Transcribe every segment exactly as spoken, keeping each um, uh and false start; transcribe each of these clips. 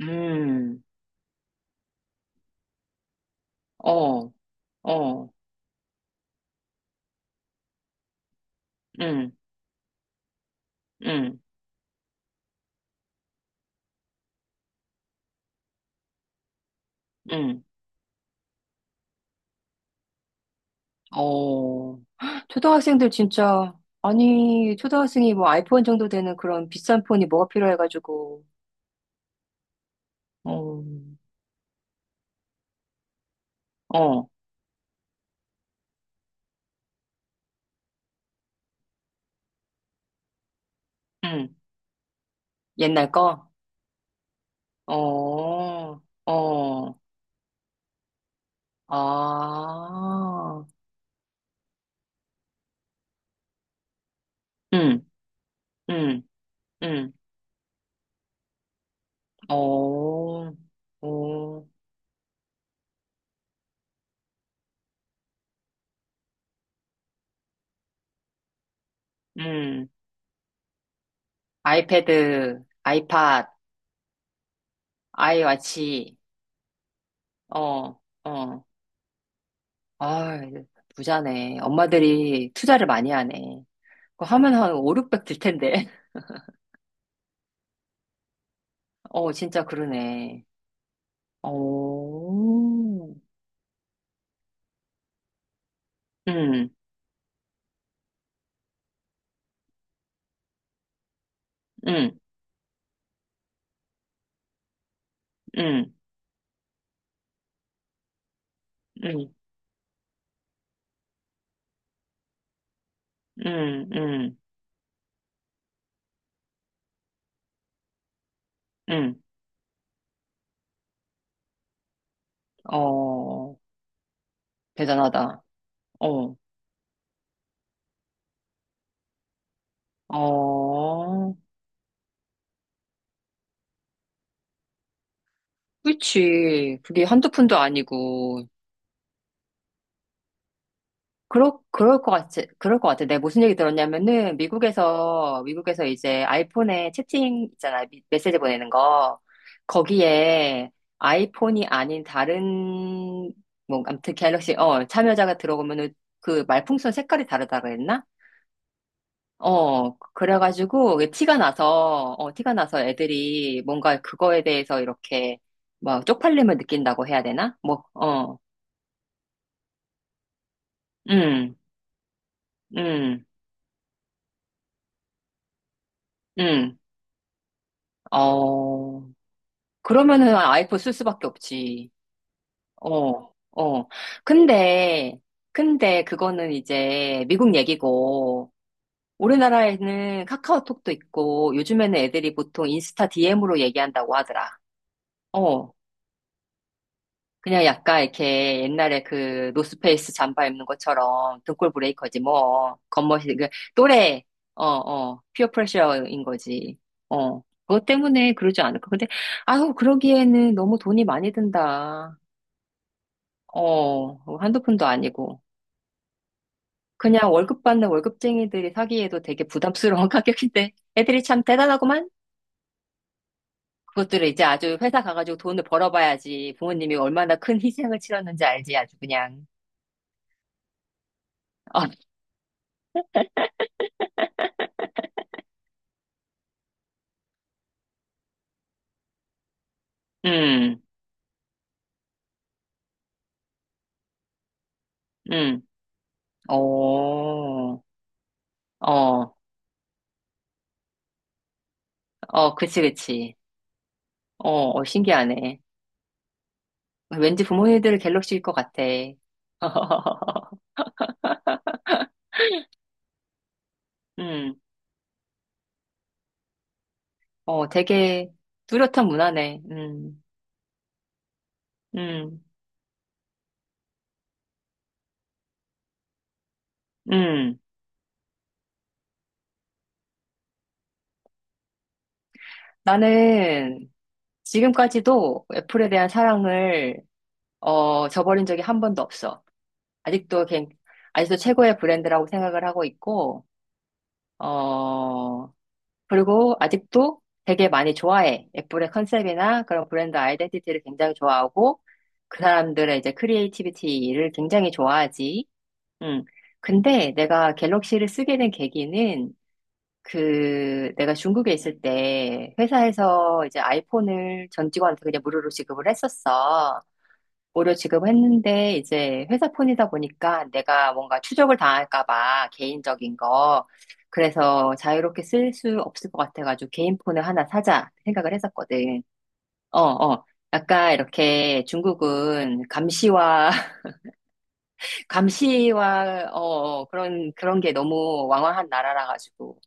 음, 어, 어, 응, 응, 응, 어. 초등학생들 진짜. 아니, 초등학생이 뭐 아이폰 정도 되는 그런 비싼 폰이 뭐가 필요해가지고. 어, 어, 응, 옛날 거? 어, 어, 아, 응, 응, 응, 어, 어, 응, 아이패드, 아이팟, 아이워치. 어, 어. 아, 부자네. 엄마들이 투자를 많이 하네. 그거 하면 한 오, 육백 들 텐데. 어, 진짜 그러네. 어, 응응 응 응 응 응 응 어, 대단하다. 어, 어, 그치. 그게 한두 푼도 아니고. 그럴, 그럴 것 같지. 그럴 것 같아. 내가 무슨 얘기 들었냐면은, 미국에서, 미국에서 이제 아이폰에 채팅 있잖아. 미- 메시지 보내는 거. 거기에 아이폰이 아닌 다른, 뭐, 아무튼 갤럭시, 어, 참여자가 들어오면은 그 말풍선 색깔이 다르다 고 했나? 어, 그래가지고 게 티가 나서, 어, 티가 나서 애들이 뭔가 그거에 대해서 이렇게 뭐 쪽팔림을 느낀다고 해야 되나? 뭐, 어, 음, 음, 음, 어. 그러면은 아이폰 쓸 수밖에 없지. 어, 어. 근데, 근데 그거는 이제 미국 얘기고. 우리나라에는 카카오톡도 있고, 요즘에는 애들이 보통 인스타 디엠으로 얘기한다고 하더라. 어. 그냥 약간 이렇게 옛날에 그 노스페이스 잠바 입는 것처럼 등골 브레이커지. 뭐, 겉멋이, 그 또래, 어, 어, 피어 프레셔인 거지. 어. 그것 때문에 그러지 않을까. 근데, 아우, 그러기에는 너무 돈이 많이 든다. 어, 뭐 한두 푼도 아니고. 그냥 월급 받는 월급쟁이들이 사기에도 되게 부담스러운 가격인데 애들이 참 대단하구만. 그것들을 이제 아주 회사 가가지고 돈을 벌어봐야지 부모님이 얼마나 큰 희생을 치렀는지 알지. 아주 그냥. 어, 음, 음, 어, 어, 어, 그치, 그치. 어, 어, 신기하네. 왠지 부모님들 갤럭시일 것 같아. 음, 어, 되게 뚜렷한 문화네. 음, 음, 음. 나는 지금까지도 애플에 대한 사랑을 어, 저버린 적이 한 번도 없어. 아직도 걘- 아직도 최고의 브랜드라고 생각을 하고 있고. 어, 그리고 아직도 되게 많이 좋아해. 애플의 컨셉이나 그런 브랜드 아이덴티티를 굉장히 좋아하고 그 사람들의 이제 크리에이티비티를 굉장히 좋아하지. 음. 근데 내가 갤럭시를 쓰게 된 계기는 그 내가 중국에 있을 때 회사에서 이제 아이폰을 전 직원한테 그냥 무료로 지급을 했었어. 무료 지급했는데 이제 회사 폰이다 보니까 내가 뭔가 추적을 당할까 봐 개인적인 거. 그래서 자유롭게 쓸 수 없을 것 같아가지고 개인 폰을 하나 사자 생각을 했었거든. 어, 어. 약간 이렇게 중국은 감시와 감시와 어 어, 그런 그런 게 너무 왕왕한 나라라 가지고.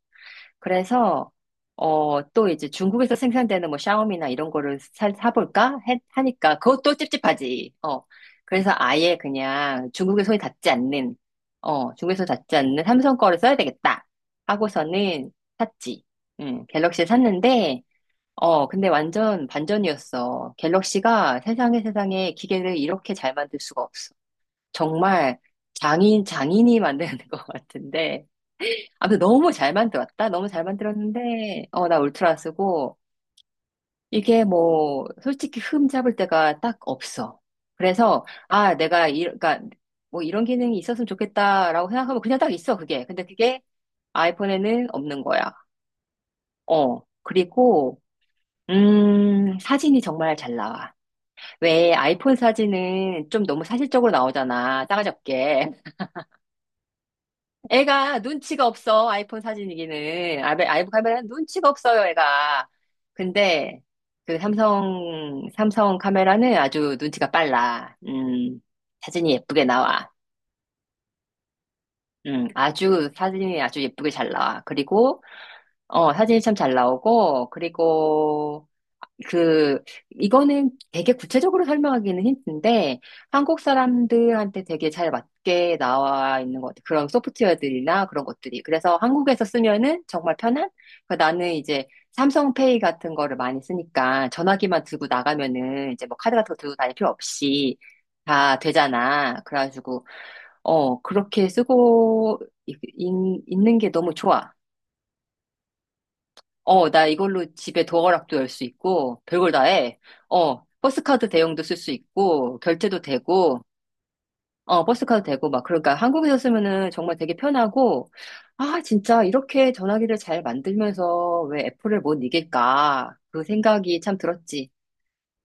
그래서 어, 또 이제 중국에서 생산되는 뭐 샤오미나 이런 거를 사, 사볼까 해- 하니까 그것도 찝찝하지. 어. 그래서 아예 그냥 중국의 손이 닿지 않는, 어, 중국에서 닿지 않는 삼성 거를 써야 되겠다 하고서는 샀지. 음, 갤럭시 샀는데, 어, 근데 완전 반전이었어. 갤럭시가 세상에 세상에 기계를 이렇게 잘 만들 수가 없어. 정말 장인, 장인이 만드는 것 같은데. 아무튼 너무 잘 만들었다. 너무 잘 만들었는데, 어, 나 울트라 쓰고. 이게 뭐, 솔직히 흠 잡을 데가 딱 없어. 그래서, 아, 내가, 이, 그러니까, 뭐 이런 기능이 있었으면 좋겠다라고 생각하면 그냥 딱 있어, 그게. 근데 그게 아이폰에는 없는 거야. 어, 그리고, 음, 사진이 정말 잘 나와. 왜 아이폰 사진은 좀 너무 사실적으로 나오잖아. 따가잡게. 애가 눈치가 없어. 아이폰 사진이기는. 아이, 아이폰 카메라는 눈치가 없어요, 애가. 근데 그 삼성, 삼성 카메라는 아주 눈치가 빨라. 음, 사진이 예쁘게 나와. 음, 아주 사진이 아주 예쁘게 잘 나와. 그리고 어, 사진이 참 잘 나오고. 그리고 그, 이거는 되게 구체적으로 설명하기는 힘든데, 한국 사람들한테 되게 잘 맞게 나와 있는 것 같아요. 그런 소프트웨어들이나 그런 것들이. 그래서 한국에서 쓰면은 정말 편한? 그 나는 이제 삼성페이 같은 거를 많이 쓰니까 전화기만 들고 나가면은 이제 뭐 카드 같은 거 들고 다닐 필요 없이 다 되잖아. 그래가지고, 어, 그렇게 쓰고 있, 있- 있는 게 너무 좋아. 어, 나 이걸로 집에 도어락도 열 수 있고, 별걸 다 해. 어, 버스카드 대용도 쓸 수 있고, 결제도 되고, 어, 버스카드 되고, 막, 그러니까 한국에서 쓰면은 정말 되게 편하고. 아, 진짜 이렇게 전화기를 잘 만들면서 왜 애플을 못 이길까? 그 생각이 참 들었지.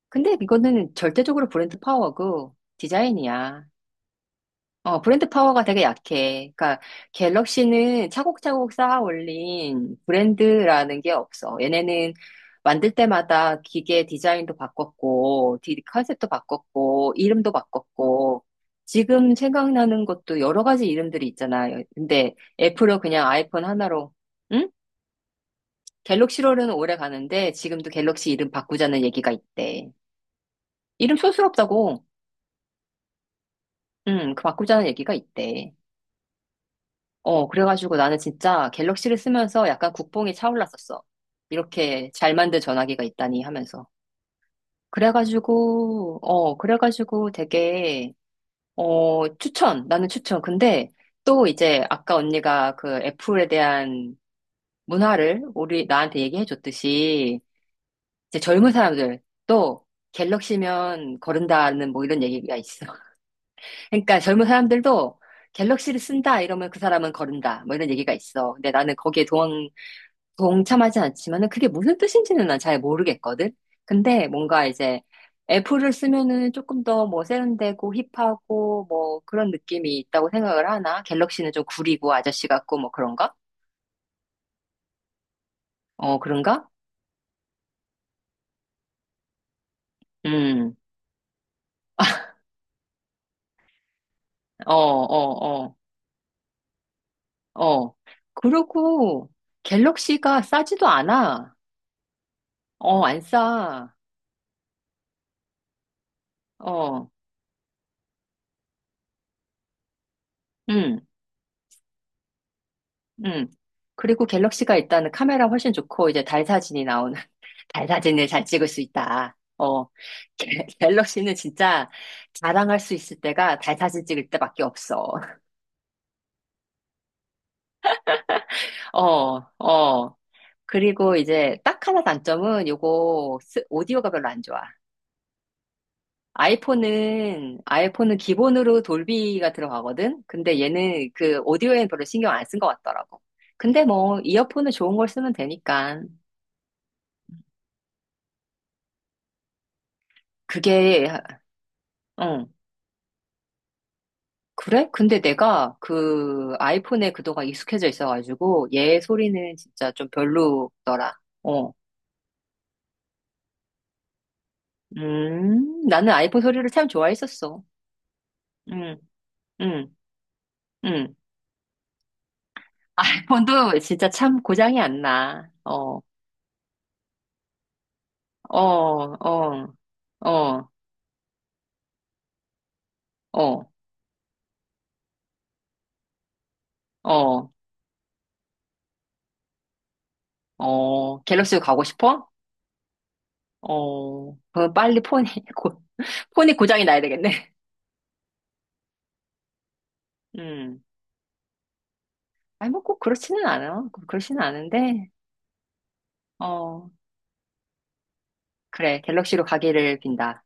근데 이거는 절대적으로 브랜드 파워고, 디자인이야. 어, 브랜드 파워가 되게 약해. 그러니까 갤럭시는 차곡차곡 쌓아 올린 브랜드라는 게 없어. 얘네는 만들 때마다 기계 디자인도 바꿨고, 디, 컨셉도 바꿨고, 이름도 바꿨고. 지금 생각나는 것도 여러 가지 이름들이 있잖아. 근데 애플은 그냥 아이폰 하나로. 응? 갤럭시로는 오래 가는데 지금도 갤럭시 이름 바꾸자는 얘기가 있대. 이름 촌스럽다고. 응, 그 바꾸자는 얘기가 있대. 어, 그래가지고 나는 진짜 갤럭시를 쓰면서 약간 국뽕이 차올랐었어. 이렇게 잘 만든 전화기가 있다니 하면서. 그래가지고, 어, 그래가지고 되게. 어, 추천. 나는 추천. 근데 또 이제 아까 언니가 그 애플에 대한 문화를 우리, 나한테 얘기해 줬듯이 이제 젊은 사람들 또 갤럭시면 거른다는 뭐 이런 얘기가 있어. 그러니까 젊은 사람들도 갤럭시를 쓴다 이러면 그 사람은 거른다 뭐 이런 얘기가 있어. 근데 나는 거기에 동참하진 않지만은 그게 무슨 뜻인지는 난 잘 모르겠거든. 근데 뭔가 이제 애플을 쓰면은 조금 더 뭐 세련되고 힙하고 뭐 그런 느낌이 있다고 생각을 하나? 갤럭시는 좀 구리고 아저씨 같고 뭐 그런가? 어, 그런가? 음, 어, 어, 어, 어. 그리고 갤럭시가 싸지도 않아. 어, 안 싸. 어, 음, 음. 그리고 갤럭시가 일단은 카메라 훨씬 좋고 이제 달 사진이 나오는 잘 사진을 잘 찍을 수 있다. 어, 갤- 갤럭시는 진짜 자랑할 수 있을 때가 달 사진 찍을 때밖에 없어. 어, 어. 그리고 이제 딱 하나 단점은 요거 스- 오디오가 별로 안 좋아. 아이폰은, 아이폰은 기본으로 돌비가 들어가거든? 근데 얘는 그 오디오에는 별로 신경 안 쓴 것 같더라고. 근데 뭐, 이어폰은 좋은 걸 쓰면 되니까. 그게, 응. 그래? 근데 내가 그 아이폰에 그동안 익숙해져 있어가지고 얘 소리는 진짜 좀 별로더라. 어. 음, 나는 아이폰 소리를 참 좋아했었어. 음, 음, 음. 아이폰도 진짜 참 고장이 안 나. 어, 어, 어, 어, 어, 어, 어. 갤럭시로 가고 싶어? 어, 그럼 빨리 폰이, 고, 폰이 고장이 나야 되겠네. 음. 아니, 뭐 꼭 그렇지는 않아. 그렇지는 않은데. 어, 그래, 갤럭시로 가기를 빈다.